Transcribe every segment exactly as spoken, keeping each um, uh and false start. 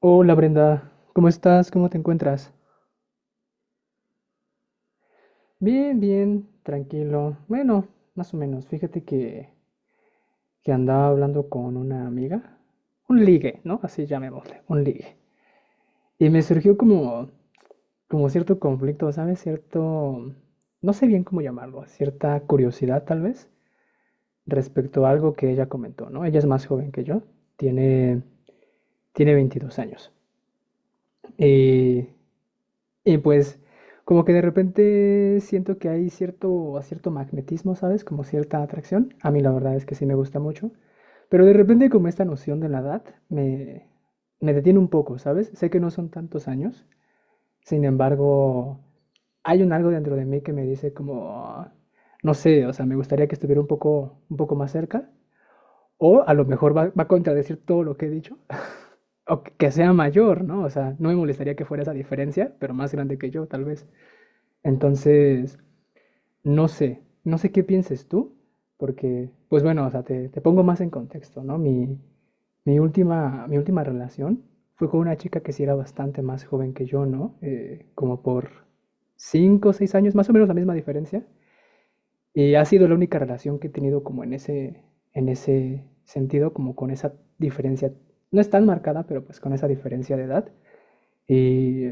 Hola Brenda, ¿cómo estás? ¿Cómo te encuentras? Bien, bien, tranquilo. Bueno, más o menos. Fíjate que, que andaba hablando con una amiga. Un ligue, ¿no? Así llamémosle, un ligue. Y me surgió como, como cierto conflicto, ¿sabes? Cierto, no sé bien cómo llamarlo, cierta curiosidad tal vez respecto a algo que ella comentó, ¿no? Ella es más joven que yo, tiene, tiene veintidós años. Y Y pues como que de repente siento que hay cierto, cierto magnetismo, ¿sabes? Como cierta atracción. A mí la verdad es que sí me gusta mucho. Pero de repente como esta noción de la edad me, me detiene un poco, ¿sabes? Sé que no son tantos años. Sin embargo, hay un algo dentro de mí que me dice como, no sé, o sea, me gustaría que estuviera un poco, un poco más cerca. O a lo mejor va, va a contradecir todo lo que he dicho. O que que sea mayor, ¿no? O sea, no me molestaría que fuera esa diferencia, pero más grande que yo, tal vez. Entonces, no sé, no sé qué pienses tú, porque, pues bueno, o sea, te, te pongo más en contexto, ¿no? Mi, mi última, mi última relación fue con una chica que sí era bastante más joven que yo, ¿no? Eh, como por cinco, o seis años, más o menos la misma diferencia. Y ha sido la única relación que he tenido como en ese, en ese sentido, como con esa diferencia, no es tan marcada, pero pues con esa diferencia de edad. Y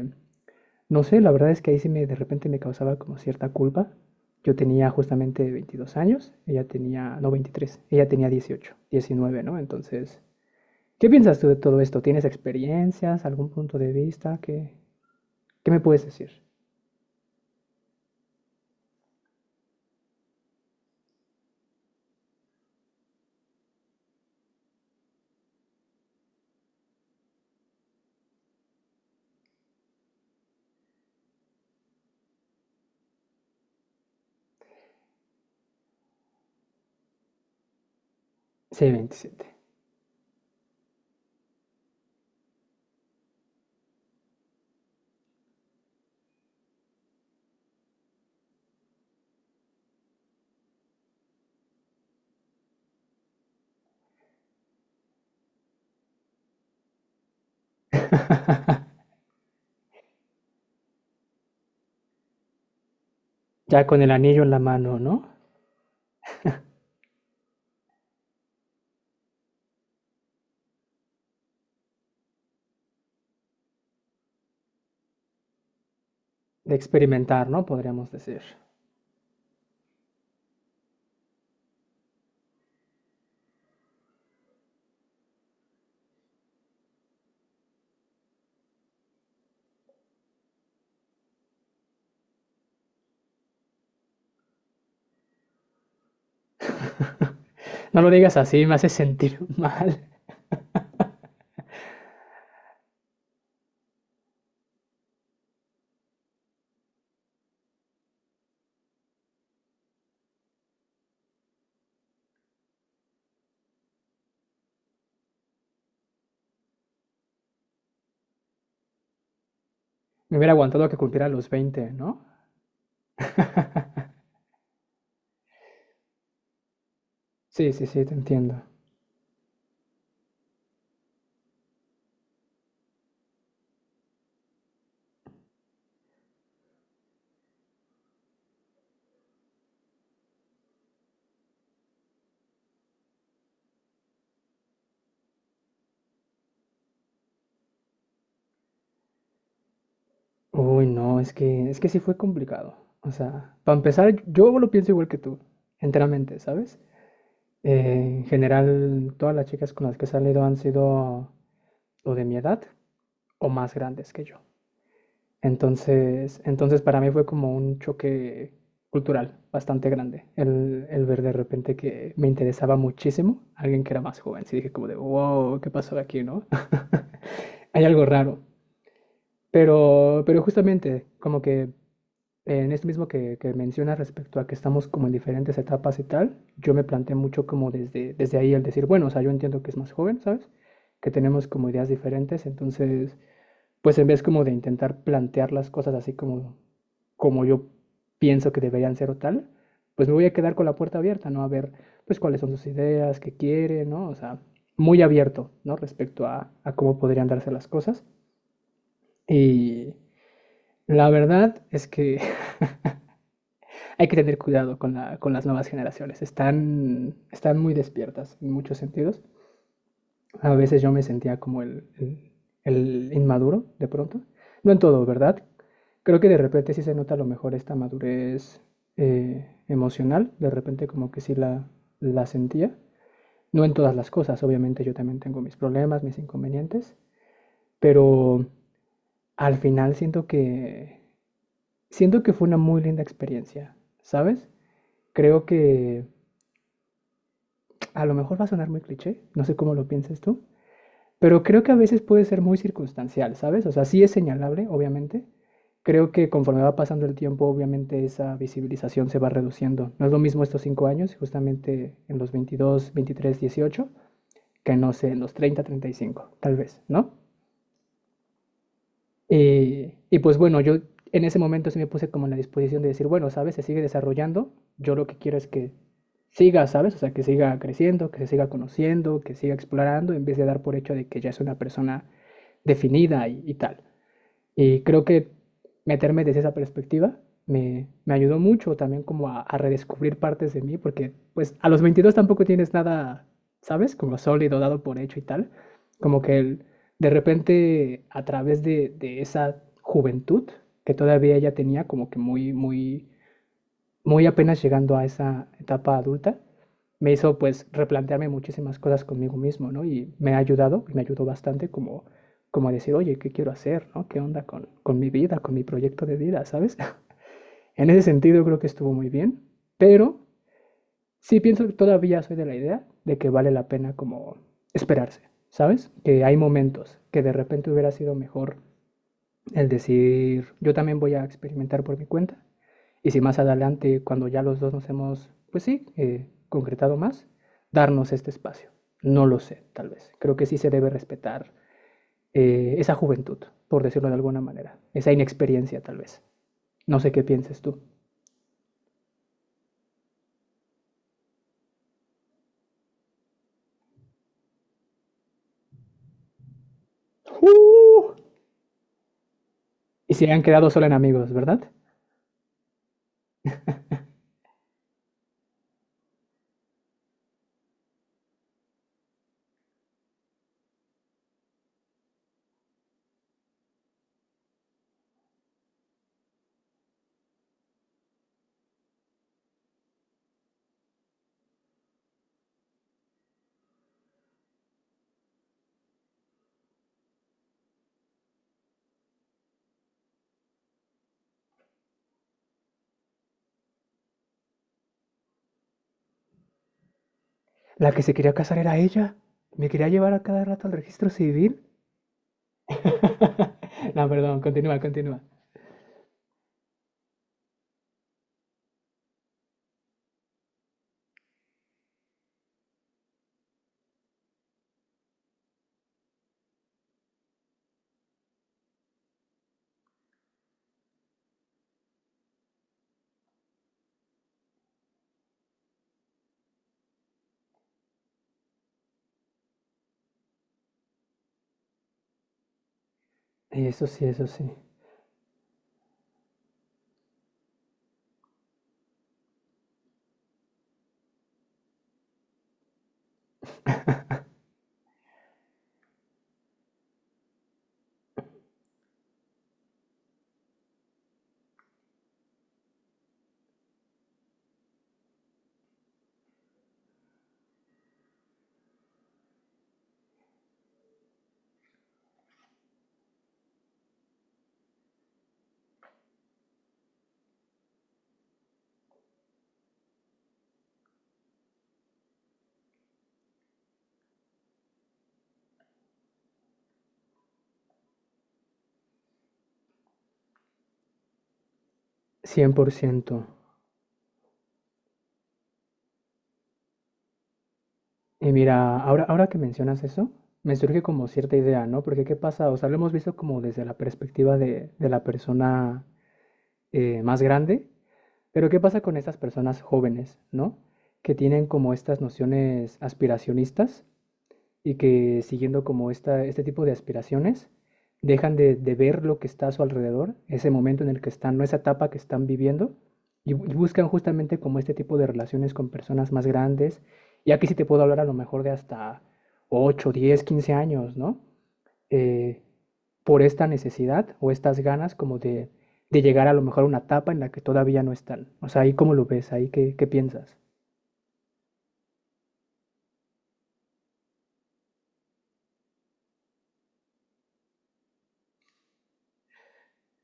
no sé, la verdad es que ahí sí me, de repente me causaba como cierta culpa. Yo tenía justamente veintidós años, ella tenía, no veintitrés, ella tenía dieciocho, diecinueve, ¿no? Entonces, ¿qué piensas tú de todo esto? ¿Tienes experiencias, algún punto de vista? ¿Qué, qué me puedes decir? Sí, veintisiete. Ya con el anillo en la mano, ¿no? De experimentar, ¿no? Podríamos decir. No lo digas así, me hace sentir mal. Me hubiera aguantado que cumpliera los veinte, ¿no? Sí, sí, sí, te entiendo. Uy, no, es que, es que sí fue complicado. O sea, para empezar, yo lo pienso igual que tú, enteramente, ¿sabes? Eh, en general, todas las chicas con las que he salido han sido o de mi edad o más grandes que yo. Entonces, entonces para mí fue como un choque cultural bastante grande el, el ver de repente que me interesaba muchísimo alguien que era más joven. Sí dije como de, wow, ¿qué pasó aquí, no? Hay algo raro. Pero, pero justamente, como que en esto mismo que, que mencionas respecto a que estamos como en diferentes etapas y tal, yo me planteé mucho como desde, desde ahí el decir, bueno, o sea, yo entiendo que es más joven, ¿sabes? Que tenemos como ideas diferentes, entonces, pues en vez como de intentar plantear las cosas así como, como yo pienso que deberían ser o tal, pues me voy a quedar con la puerta abierta, ¿no? A ver, pues cuáles son sus ideas, qué quiere, ¿no? O sea, muy abierto, ¿no? Respecto a, a cómo podrían darse las cosas. Y la verdad es que hay que tener cuidado con, la, con las nuevas generaciones. Están, están muy despiertas en muchos sentidos. A veces yo me sentía como el, el, el inmaduro de pronto. No en todo, ¿verdad? Creo que de repente sí se nota a lo mejor esta madurez eh, emocional. De repente como que sí la, la sentía. No en todas las cosas, obviamente yo también tengo mis problemas, mis inconvenientes, pero al final siento que siento que fue una muy linda experiencia, ¿sabes? Creo que a lo mejor va a sonar muy cliché, no sé cómo lo pienses tú, pero creo que a veces puede ser muy circunstancial, ¿sabes? O sea, sí es señalable, obviamente. Creo que conforme va pasando el tiempo, obviamente esa visibilización se va reduciendo. No es lo mismo estos cinco años, justamente en los veintidós, veintitrés, dieciocho, que no sé, en los treinta, treinta y cinco, tal vez, ¿no? Y, y pues bueno, yo en ese momento sí me puse como en la disposición de decir, bueno, ¿sabes? Se sigue desarrollando. Yo lo que quiero es que siga, ¿sabes? O sea, que siga creciendo, que se siga conociendo, que siga explorando, en vez de dar por hecho de que ya es una persona definida y, y tal. Y creo que meterme desde esa perspectiva me, me ayudó mucho también como a, a redescubrir partes de mí, porque pues a los veintidós tampoco tienes nada, ¿sabes? Como sólido, dado por hecho y tal. Como que el- de repente a través de, de esa juventud que todavía ella tenía, como que muy, muy muy apenas llegando a esa etapa adulta, me hizo pues replantearme muchísimas cosas conmigo mismo, ¿no? Y me ha ayudado, y me ayudó bastante como, como a decir, oye, ¿qué quiero hacer, ¿no? ¿Qué onda con, con mi vida, con mi proyecto de vida, ¿sabes? En ese sentido creo que estuvo muy bien, pero sí pienso que todavía soy de la idea de que vale la pena como esperarse, ¿sabes? Que hay momentos que de repente hubiera sido mejor el decir, yo también voy a experimentar por mi cuenta. Y si más adelante, cuando ya los dos nos hemos, pues sí, eh, concretado más, darnos este espacio. No lo sé, tal vez. Creo que sí se debe respetar eh, esa juventud, por decirlo de alguna manera. Esa inexperiencia, tal vez. No sé qué pienses tú. ¡Uh! Y se han quedado solo en amigos, ¿verdad? La que se quería casar era ella. Me quería llevar a cada rato al registro civil. No, perdón, continúa, continúa. Eso sí, eso sí. Cien por ciento. Y mira, ahora, ahora que mencionas eso, me surge como cierta idea, ¿no? Porque ¿qué pasa? O sea, lo hemos visto como desde la perspectiva de, de la persona eh, más grande, pero ¿qué pasa con estas personas jóvenes, ¿no? Que tienen como estas nociones aspiracionistas y que siguiendo como esta, este tipo de aspiraciones, dejan de, de ver lo que está a su alrededor, ese momento en el que están, no esa etapa que están viviendo, y, bu- y buscan justamente como este tipo de relaciones con personas más grandes, y aquí sí te puedo hablar a lo mejor de hasta ocho diez quince años, ¿no? Eh, por esta necesidad o estas ganas como de, de llegar a lo mejor a una etapa en la que todavía no están. O sea, ahí cómo lo ves, ahí qué, qué piensas.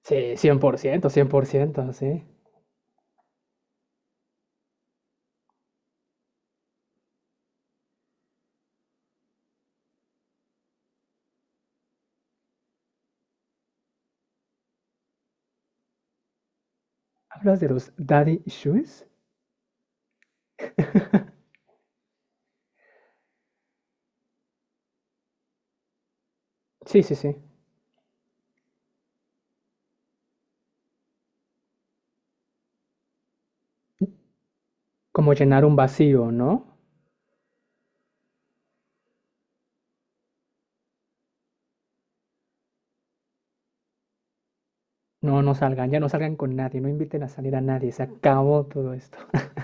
Sí, cien cien por ciento, cien por ciento sí. ¿Hablas de los daddy issues? Sí, sí, sí. Como llenar un vacío, ¿no? No, no salgan, ya no salgan con nadie, no inviten a salir a nadie, se acabó todo esto.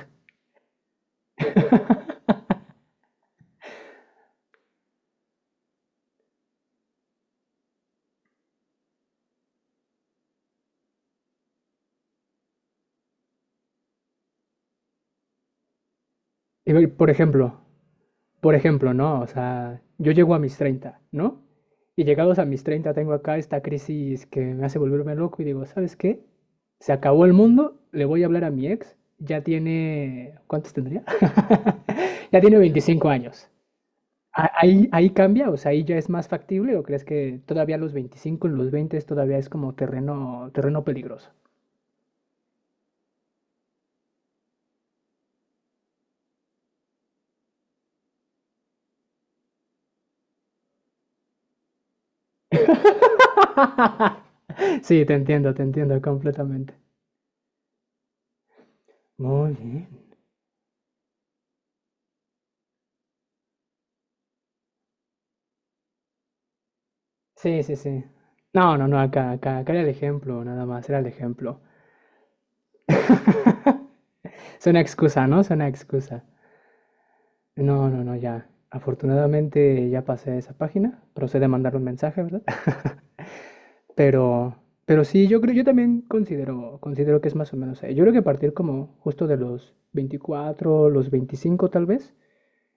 Y por ejemplo, por ejemplo, ¿no? O sea, yo llego a mis treinta, ¿no? Y llegados a mis treinta tengo acá esta crisis que me hace volverme loco y digo, ¿sabes qué? Se acabó el mundo, le voy a hablar a mi ex, ya tiene, ¿cuántos tendría? ya tiene veinticinco años. Ah, ¿Ahí, ahí cambia? O sea, ¿ahí, ya es más factible o crees que todavía a los veinticinco, en los veinte todavía es como terreno, terreno peligroso? Sí, te entiendo, te entiendo completamente. Muy bien. Sí, sí, sí. No, no, no, acá, acá, acá era el ejemplo, nada más, era el ejemplo. Es una excusa, ¿no? Es una excusa. No, no, no, ya. Afortunadamente ya pasé esa página. Procede a mandar un mensaje, ¿verdad? Pero, pero sí, yo creo, yo también considero, considero que es más o menos ahí. Yo creo que a partir como justo de los veinticuatro los veinticinco tal vez,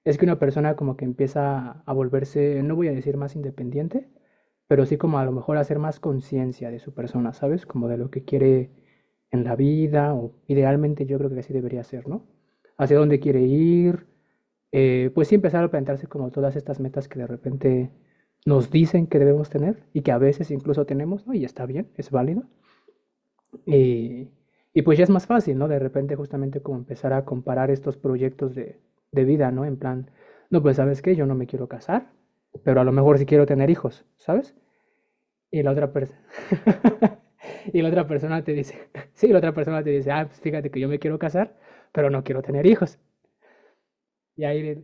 es que una persona como que empieza a volverse, no voy a decir más independiente, pero sí como a lo mejor hacer más conciencia de su persona, ¿sabes? Como de lo que quiere en la vida, o idealmente yo creo que así debería ser, ¿no? Hacia dónde quiere ir, eh, pues sí empezar a plantearse como todas estas metas que de repente nos dicen que debemos tener y que a veces incluso tenemos, ¿no? Y está bien, es válido. Y, y pues ya es más fácil, ¿no? De repente justamente como empezar a comparar estos proyectos de, de vida, ¿no? En plan, no, pues sabes qué, yo no me quiero casar, pero a lo mejor sí quiero tener hijos, ¿sabes? Y la otra persona... y la otra persona te dice, sí, la otra persona te dice, ah, pues fíjate que yo me quiero casar, pero no quiero tener hijos. Y ahí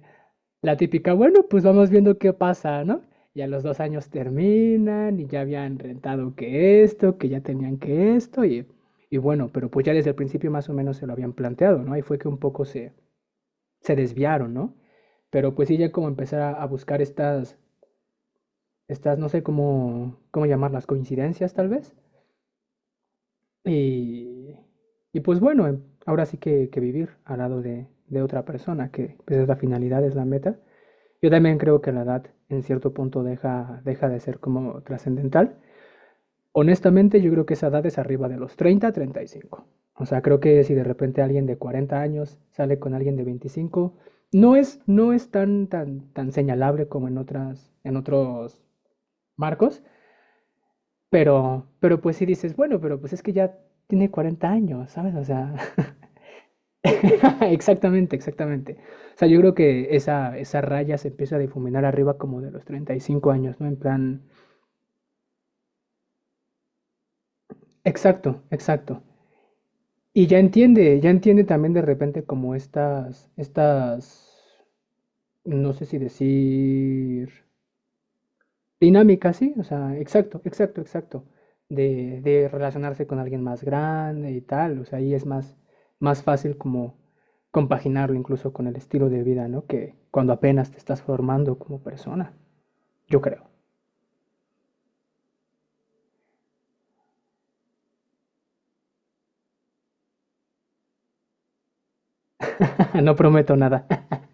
la típica, bueno, pues vamos viendo qué pasa, ¿no? Y a los dos años terminan y ya habían rentado que esto, que ya tenían que esto y, y bueno, pero pues ya desde el principio más o menos se lo habían planteado, ¿no? Y fue que un poco se, se desviaron, ¿no? Pero pues sí, ya como empezar a, a buscar estas, estas, no sé cómo, cómo llamarlas, coincidencias tal vez. Y, y pues bueno, em, ahora sí que, que vivir al lado de, de otra persona, que pues, es la finalidad, es la meta. Yo también creo que la edad en cierto punto deja, deja de ser como trascendental. Honestamente, yo creo que esa edad es arriba de los treinta treinta y cinco. O sea, creo que si de repente alguien de cuarenta años sale con alguien de veinticinco, no es, no es tan, tan, tan señalable como en, otras, en otros marcos, pero, pero pues si dices, bueno, pero pues es que ya tiene cuarenta años, ¿sabes? O sea, Exactamente, exactamente. O sea, yo creo que esa, esa raya se empieza a difuminar arriba como de los treinta y cinco años, ¿no? En plan, exacto, exacto. Y ya entiende, ya entiende también de repente como estas, estas, no sé si decir, dinámicas, ¿sí? O sea, exacto, exacto, exacto. De, de relacionarse con alguien más grande y tal. O sea, ahí es más, más fácil como compaginarlo incluso con el estilo de vida, ¿no? Que cuando apenas te estás formando como persona. Yo creo. No prometo nada.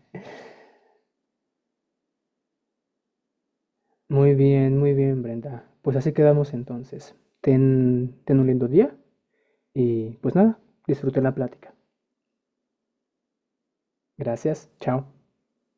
Muy bien, muy bien, Brenda. Pues así quedamos entonces. Ten, ten un lindo día y pues nada, disfruté la plática. Gracias, chao.